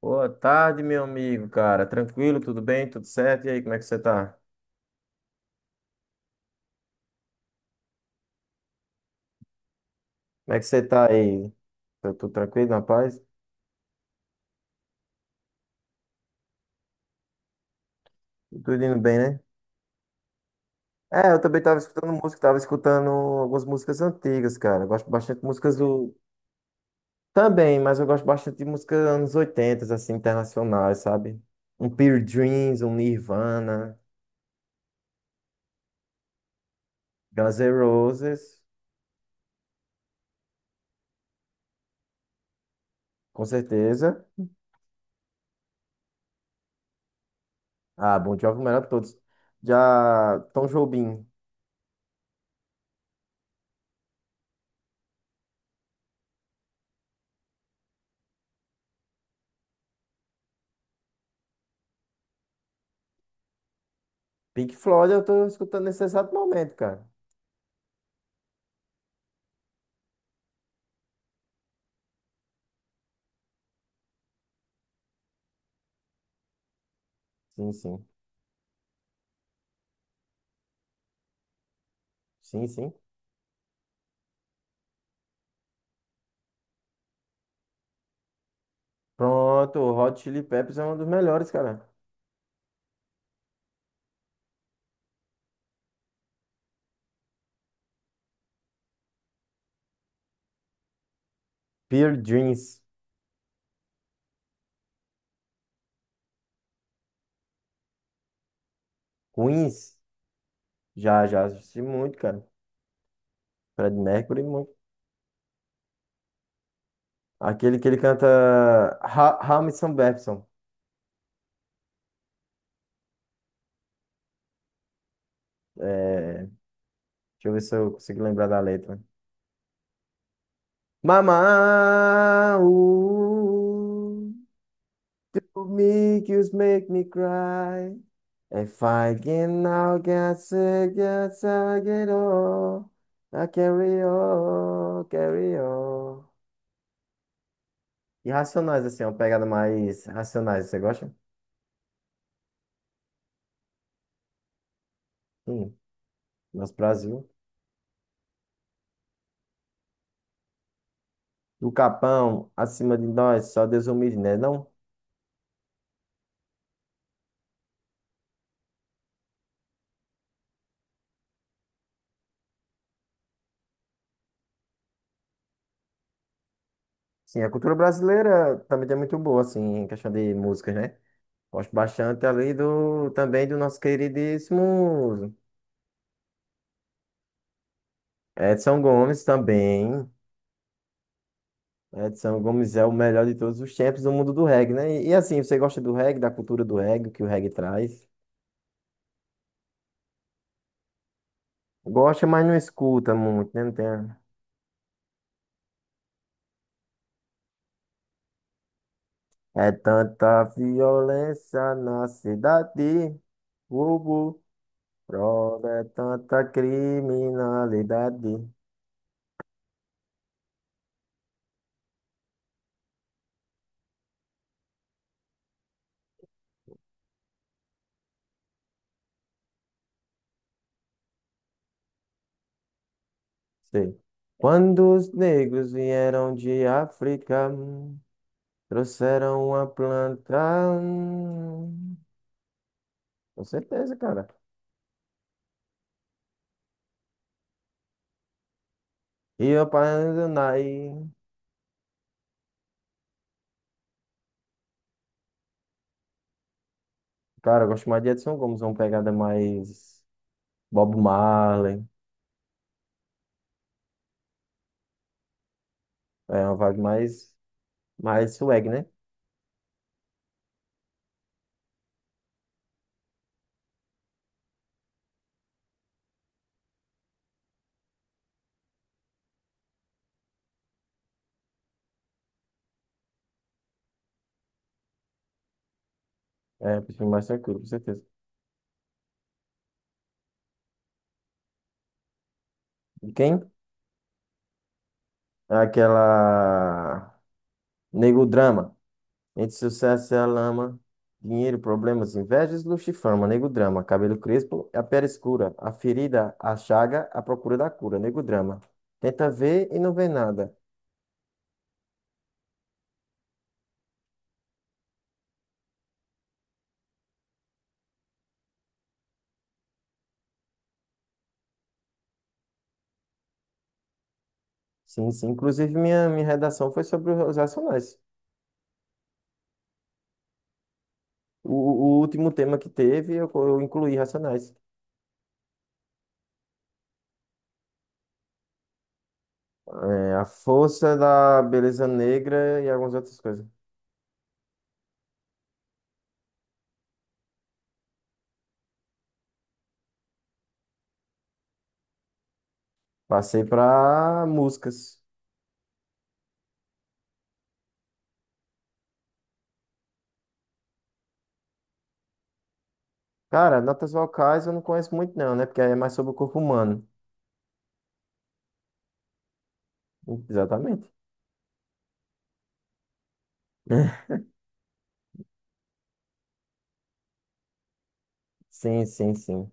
Boa tarde, meu amigo, cara. Tranquilo, tudo bem? Tudo certo? E aí, como é que você tá? Como é que você tá aí? Tá tudo tranquilo, rapaz. Tudo indo bem, né? É, eu também tava escutando música, tava escutando algumas músicas antigas, cara. Eu gosto bastante de músicas do. Também, mas eu gosto bastante de músicas anos 80, assim, internacionais, sabe? Um Pearl Dreams, um Nirvana, Guns N' Roses, com certeza. Ah, Bon Jovi, o melhor de todos. Já Tom Jobim, Pink Floyd, eu tô escutando nesse exato momento, cara. Sim, sim. Sim, sim. Pronto, o Hot Chili Peppers é um dos melhores, cara. Pure Dreams, Queens, já assisti muito, cara. Fred Mercury, muito. Aquele que ele canta Hamilton Babson. É, deixa eu ver se eu consigo lembrar da letra. Mama, ooh, make you make me cry. If I can now get sick, yes, I get all. I carry on, carry on. E Racionais, assim, é uma pegada mais Racionais. Você gosta? Sim, nosso Brasil. Do Capão, acima de nós, só Deus o livre, né? Não? Sim, a cultura brasileira também é muito boa, assim, em questão de músicas, né? Gosto bastante ali do, também do nosso queridíssimo Edson Gomes também. Edson Gomes é o melhor de todos os tempos do mundo do reggae, né? E assim, você gosta do reggae, da cultura do reggae, o que o reggae traz? Gosta, mas não escuta muito, né? Não tem... É tanta violência na cidade, Hugo, prova é tanta criminalidade. Sei. Quando os negros vieram de África, trouxeram uma planta, hum, com certeza, cara. E eu Nai. Cara, eu gosto mais de Edson Gomes, é uma pegada mais Bob Marley, é uma vibe mais, mais swag, né? É, um perfil mais tranquilo, com certeza. E quem? Aquela Nego Drama. Entre sucesso e a lama, dinheiro, problemas, invejas, luxo e fama. Nego Drama. Cabelo crespo, a pele escura. A ferida, a chaga, a procura da cura. Nego Drama. Tenta ver e não vê nada. Sim, sim. Inclusive, minha redação foi sobre os Racionais. O último tema que teve, eu, eu incluí Racionais. É, a força da beleza negra e algumas outras coisas. Passei para músicas. Cara, notas vocais eu não conheço muito não, né? Porque aí é mais sobre o corpo humano. Exatamente. Sim, sim, sim. Com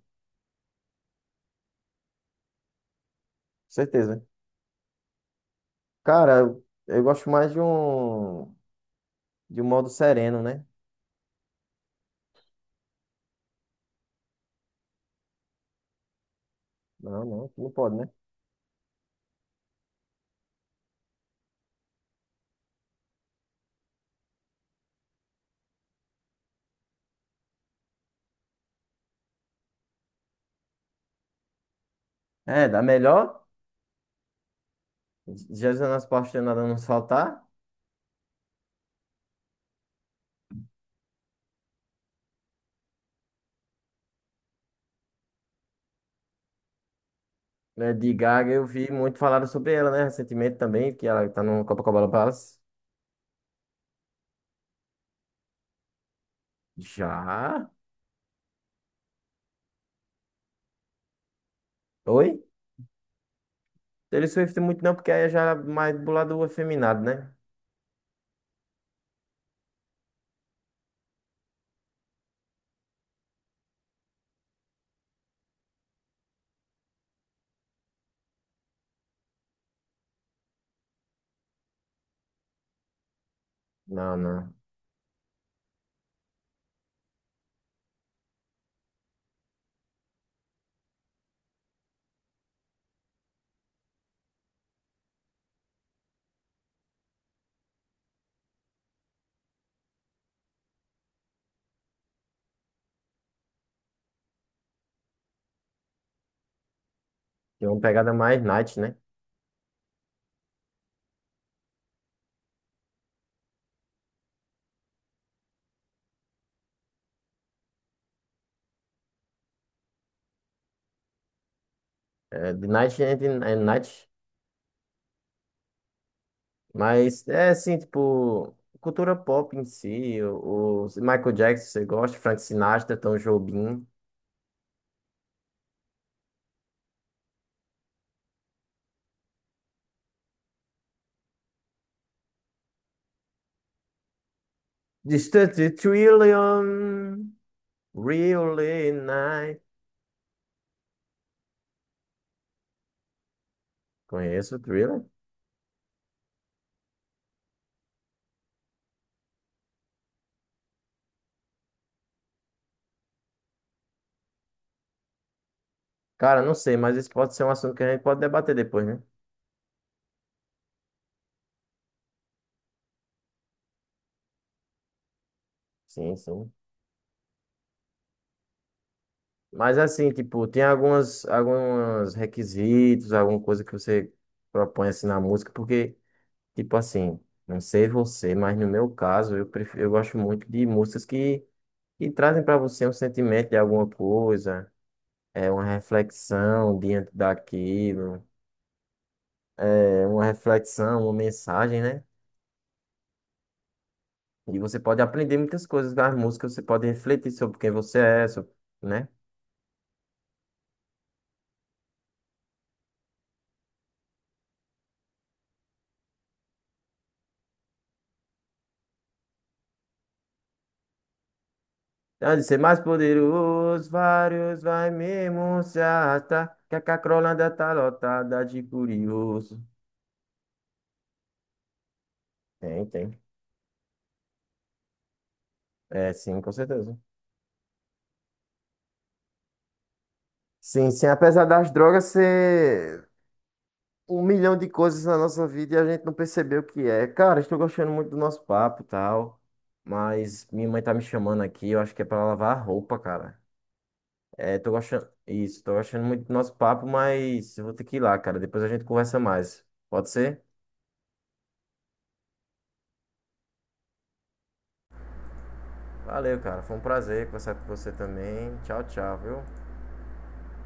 certeza. Cara, eu gosto mais de um modo sereno, né? Não, não, não pode, né? É, da melhor, Jesus nas Pastas Nada Não Saltar, né? De Gaga, eu vi muito falaram sobre ela, né? Recentemente também, que ela tá no Copacabana Palace. Já? Oi? Taylor Swift muito não, porque aí já é mais do lado efeminado, né? Não, não. Tem uma pegada mais night, né? É, de Night and Night. Mas é assim, tipo, cultura pop em si, o Michael Jackson, você gosta, Frank Sinatra, Tom Jobim. Distante Trillion, Really Night. Conheço o Thriller? Cara, não sei, mas isso pode ser um assunto que a gente pode debater depois, né? Sim, sim. Mas assim, tipo, tem algumas, alguns requisitos, alguma coisa que você propõe assim na música, porque. Tipo assim, não sei você, mas no meu caso, eu gosto muito de músicas que trazem para você um sentimento de alguma coisa, é uma reflexão diante daquilo, é uma reflexão, uma mensagem, né? E você pode aprender muitas coisas das músicas, você pode refletir sobre quem você é, sobre, né? Então, de ser mais poderoso, vários vai mesmo se arrastar, que a cacrolândia tá lotada de curioso. Tem, tem. É, sim, com certeza. Sim, sim. Apesar das drogas ser um milhão de coisas na nossa vida e a gente não percebeu o que é. Cara, estou gostando muito do nosso papo e tal. Mas minha mãe tá me chamando aqui, eu acho que é pra lavar a roupa, cara. É, tô gostando. Isso, tô gostando muito do nosso papo, mas eu vou ter que ir lá, cara. Depois a gente conversa mais. Pode ser? Valeu, cara. Foi um prazer conversar com você também. Tchau, tchau, viu?